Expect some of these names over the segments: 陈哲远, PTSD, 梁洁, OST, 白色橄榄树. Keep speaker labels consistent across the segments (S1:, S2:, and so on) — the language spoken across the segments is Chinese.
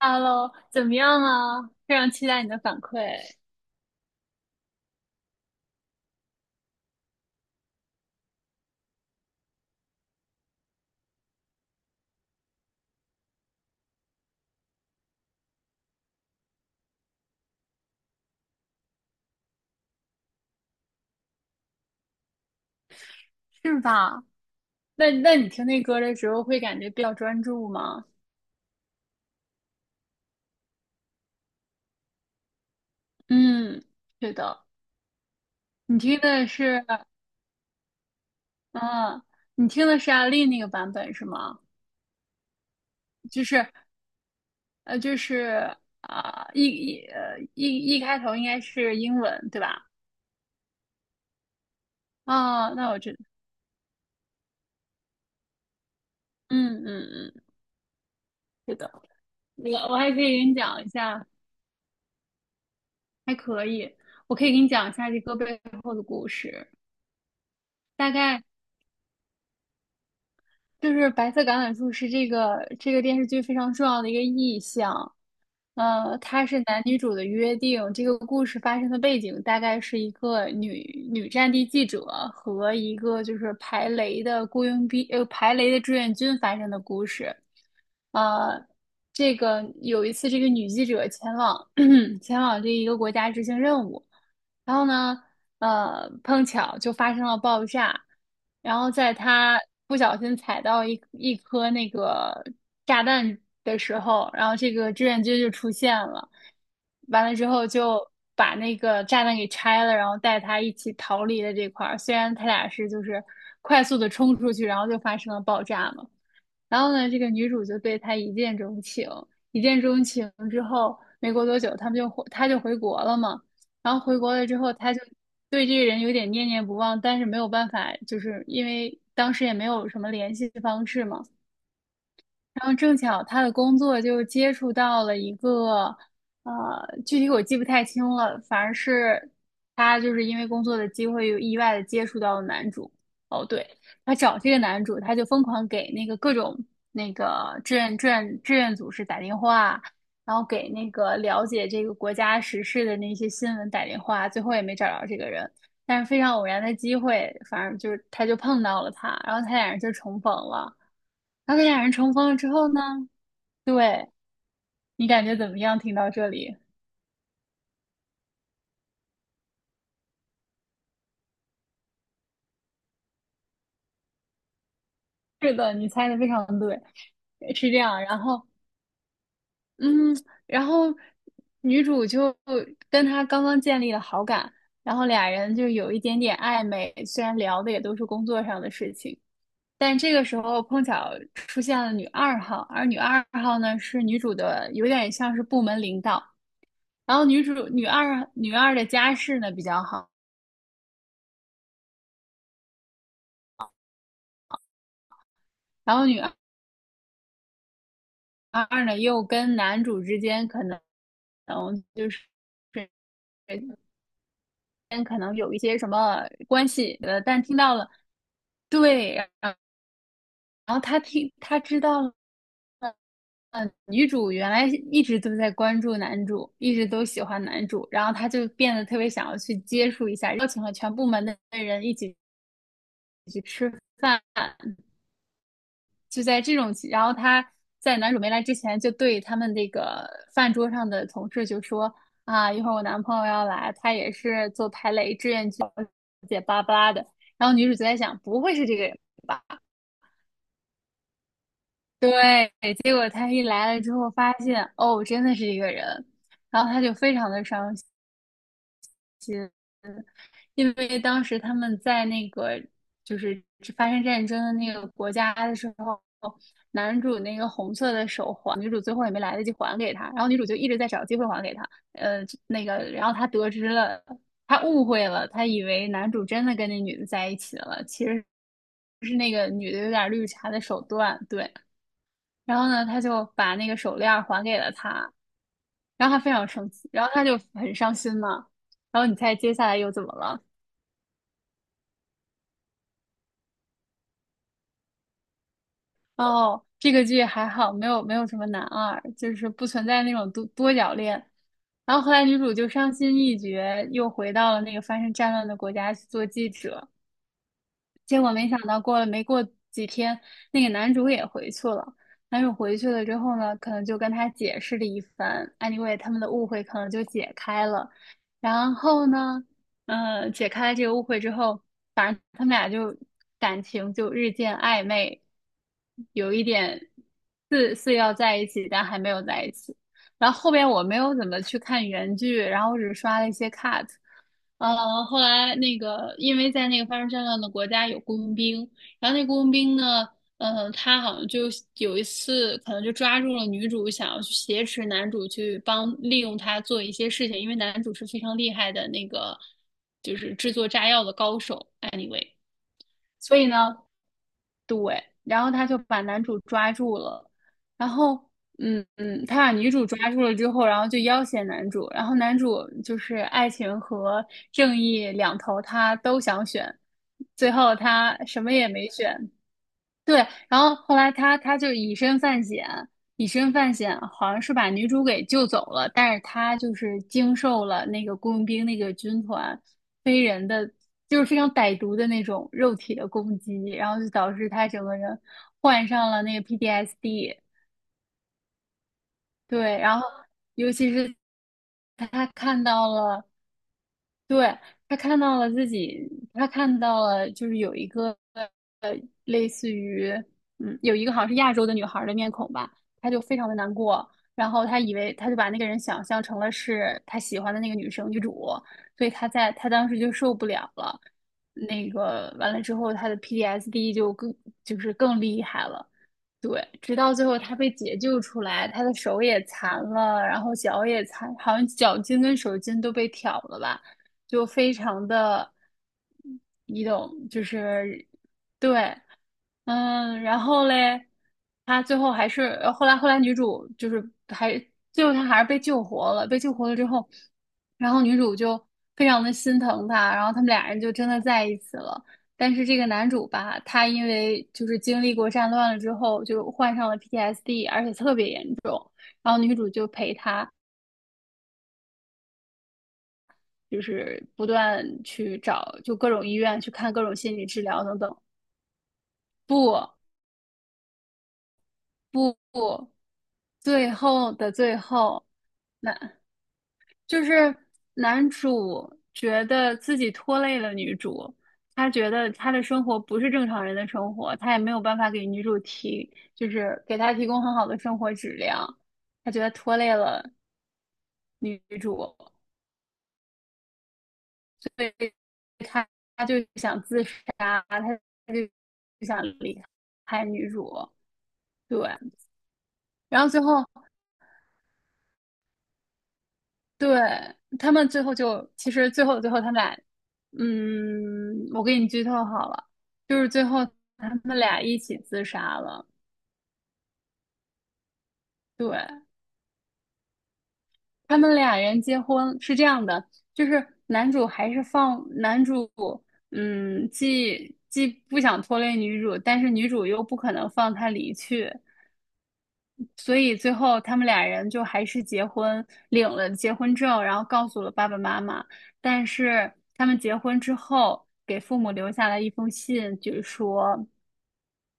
S1: Hello，怎么样啊？非常期待你的反馈。是吧？那你听那歌的时候会感觉比较专注吗？嗯，是的。你听的是，嗯，你听的是阿丽那个版本是吗？就是就是啊、一一呃一一开头应该是英文对吧？啊，那我知道。嗯嗯嗯，是的。我还可以给你讲一下，还可以，我可以给你讲一下这歌背后的故事。大概就是白色橄榄树是这个电视剧非常重要的一个意象。它是男女主的约定。这个故事发生的背景大概是一个女战地记者和一个就是排雷的雇佣兵，排雷的志愿军发生的故事。呃，这个有一次，这个女记者前往 前往这一个国家执行任务，然后呢。碰巧就发生了爆炸，然后在他不小心踩到一颗那个炸弹的时候，然后这个志愿军就出现了，完了之后就把那个炸弹给拆了，然后带他一起逃离了这块儿。虽然他俩是就是快速的冲出去，然后就发生了爆炸嘛。然后呢，这个女主就对他一见钟情。一见钟情之后，没过多久，他就回国了嘛。然后回国了之后，他就对这个人有点念念不忘，但是没有办法，就是因为当时也没有什么联系方式嘛，然后正巧他的工作就接触到了一个，呃，具体我记不太清了，反而是他就是因为工作的机会有意外的接触到了男主。哦，对，他找这个男主，他就疯狂给那个各种那个志愿组织打电话，然后给那个了解这个国家时事的那些新闻打电话，最后也没找着这个人。但是非常偶然的机会，反正就是他就碰到了他，然后他俩人就重逢了。然后那俩人重逢了之后呢，对，你感觉怎么样？听到这里，是的，你猜的非常对，是这样。然后，嗯，然后女主就跟他刚刚建立了好感，然后俩人就有一点点暧昧，虽然聊的也都是工作上的事情，但这个时候碰巧出现了女二号，而女二号呢是女主的，有点像是部门领导。然后女主女二的家世呢比较好。然后女二。二呢，又跟男主之间可能，就是间可能有一些什么关系。但听到了，对，然后他听他知道了，女主原来一直都在关注男主，一直都喜欢男主，然后他就变得特别想要去接触一下，邀请了全部门的人一起去吃饭，就在这种，然后他在男主没来之前，就对他们那个饭桌上的同事就说啊，一会儿我男朋友要来，他也是做排雷志愿者，姐巴拉巴拉的。然后女主就在想，不会是这个人吧？对，结果他一来了之后，发现哦，真的是一个人，然后他就非常的伤心。嗯，因为当时他们在那个就是发生战争的那个国家的时候，男主那个红色的手环，女主最后也没来得及还给他，然后女主就一直在找机会还给他，那个，然后他得知了，他误会了，他以为男主真的跟那女的在一起了，其实是那个女的有点绿茶的手段，对，然后呢，他就把那个手链还给了他，然后他非常生气，然后他就很伤心嘛。然后你猜接下来又怎么了？哦，这个剧还好，没有什么男二，就是不存在那种多角恋。然后后来女主就伤心欲绝，又回到了那个发生战乱的国家去做记者。结果没想到过了没过几天，那个男主也回去了。男主回去了之后呢，可能就跟他解释了一番，anyway,他们的误会可能就解开了。然后呢，嗯，解开了这个误会之后，反正他们俩就感情就日渐暧昧，有一点似要在一起，但还没有在一起。然后后边我没有怎么去看原剧，然后我只刷了一些 cut。后来那个，因为在那个发生战乱的国家有雇佣兵，然后那雇佣兵呢，他好像就有一次可能就抓住了女主，想要去挟持男主去帮利用他做一些事情，因为男主是非常厉害的那个，就是制作炸药的高手。Anyway,所以呢，对，然后他就把男主抓住了，然后他把女主抓住了之后，然后就要挟男主，然后男主就是爱情和正义两头他都想选，最后他什么也没选，对，然后后来他就以身犯险，以身犯险，好像是把女主给救走了，但是他就是经受了那个雇佣兵那个军团非人的，就是非常歹毒的那种肉体的攻击，然后就导致他整个人患上了那个 PTSD。对，然后尤其是他看到了，对，他看到了自己，他看到了就是有一个。类似于，嗯，有一个好像是亚洲的女孩儿的面孔吧，她就非常的难过，然后她以为她就把那个人想象成了是她喜欢的那个女生女主，所以她在她当时就受不了了，那个完了之后，她的 PTSD 就更就是更厉害了。对，直到最后她被解救出来，她的手也残了，然后脚也残，好像脚筋跟手筋都被挑了吧，就非常的，你懂，就是对，嗯，然后嘞，他最后还是后来女主就是还最后她还是被救活了，被救活了之后，然后女主就非常的心疼他，然后他们俩人就真的在一起了。但是这个男主吧，他因为就是经历过战乱了之后，就患上了 PTSD,而且特别严重。然后女主就陪他，就是不断去找，就各种医院去看各种心理治疗等等。不不不，最后的最后。那。就是男主觉得自己拖累了女主，他觉得他的生活不是正常人的生活，他也没有办法给女主提，就是给她提供很好的生活质量，他觉得拖累了女主，所以他他就想自杀，他就想离开女主，对，然后最后对，他们最后就，其实最后的最后，他们俩，嗯，我给你剧透好了，就是最后他们俩一起自杀了。对，他们俩人结婚是这样的，就是男主还是放男主，嗯，既不想拖累女主，但是女主又不可能放他离去，所以最后他们俩人就还是结婚，领了结婚证，然后告诉了爸爸妈妈。但是他们结婚之后，给父母留下了一封信，就是说，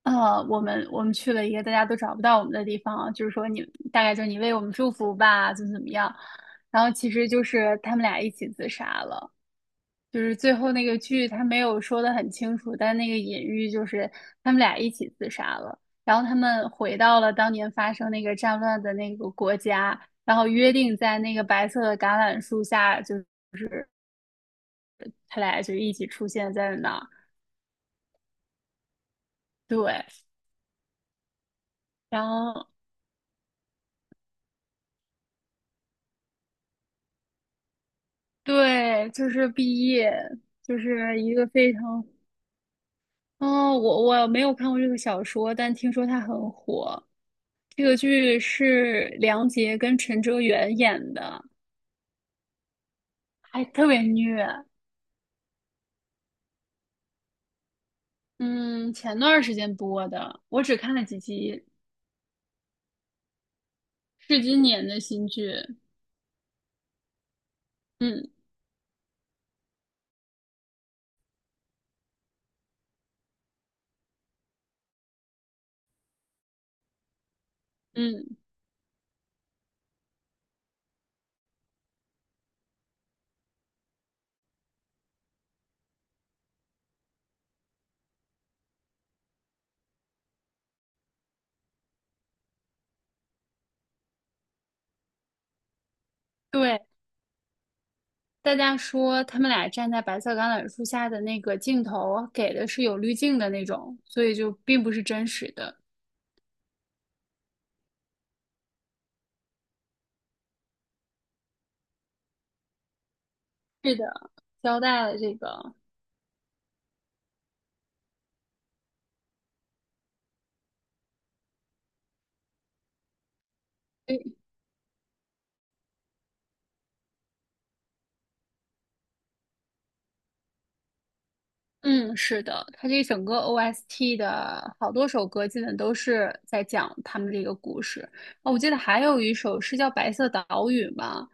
S1: 我们去了一个大家都找不到我们的地方，就是说你大概就是你为我们祝福吧，怎么怎么样。然后其实就是他们俩一起自杀了。就是最后那个剧，他没有说的很清楚，但那个隐喻就是他们俩一起自杀了，然后他们回到了当年发生那个战乱的那个国家，然后约定在那个白色的橄榄树下，就他俩就一起出现在那儿。对，然后对，就是毕业，就是一个非常，嗯，我没有看过这个小说，但听说它很火。这个剧是梁洁跟陈哲远演的，还特别虐。嗯，前段儿时间播的，我只看了几集，是今年的新剧。嗯嗯，对，大家说他们俩站在白色橄榄树下的那个镜头给的是有滤镜的那种，所以就并不是真实的。是的，交代了这个。对，嗯，是的，他这整个 OST 的好多首歌，基本都是在讲他们这个故事。哦，我记得还有一首是叫《白色岛屿》吧，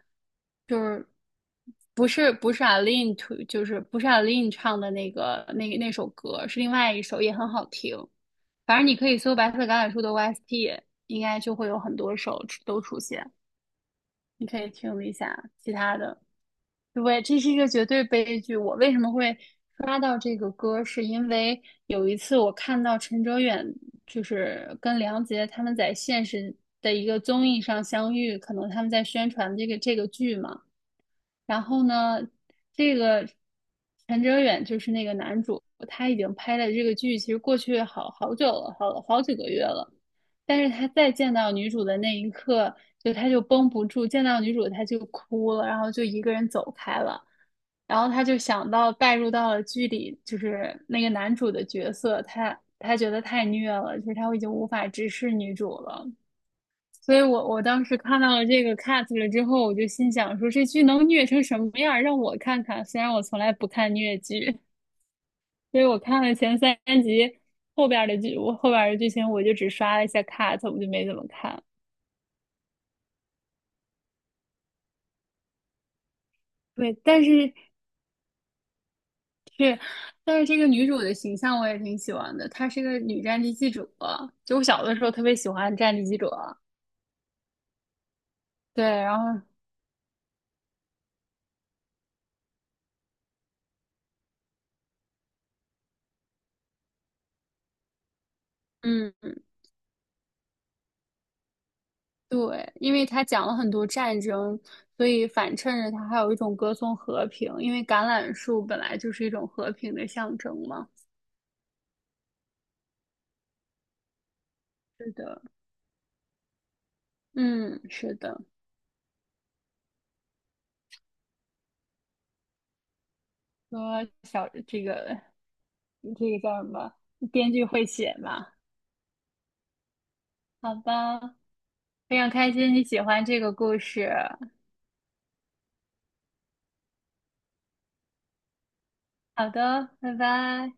S1: 不是 Aline to，就是不是 Aline 唱的那个那首歌，是另外一首也很好听。反正你可以搜《白色橄榄树》的 OST，应该就会有很多首出都出现。你可以听一下其他的。对，这是一个绝对悲剧。我为什么会刷到这个歌，是因为有一次我看到陈哲远就是跟梁洁他们在现实的一个综艺上相遇，可能他们在宣传这个剧嘛。然后呢，这个陈哲远就是那个男主，他已经拍了这个剧，其实过去好好久了，好好几个月了。但是他再见到女主的那一刻，就他就绷不住，见到女主他就哭了，然后就一个人走开了。然后他就想到带入到了剧里，就是那个男主的角色，他觉得太虐了，就是他已经无法直视女主了。所以我当时看到了这个 cut 了之后，我就心想说这剧能虐成什么样让我看看。虽然我从来不看虐剧，所以我看了前三集，后边的剧我后边的剧情我就只刷了一下 cut，我就没怎么看。对，但是是，但是这个女主的形象我也挺喜欢的，她是个女战地记者，就我小的时候特别喜欢战地记者。对，然后嗯。对，因为他讲了很多战争，所以反衬着他还有一种歌颂和平，因为橄榄树本来就是一种和平的象征嘛。是的，嗯，是的。说小这个这个叫什么？编剧会写嘛？好吧，非常开心你喜欢这个故事。好的，拜拜。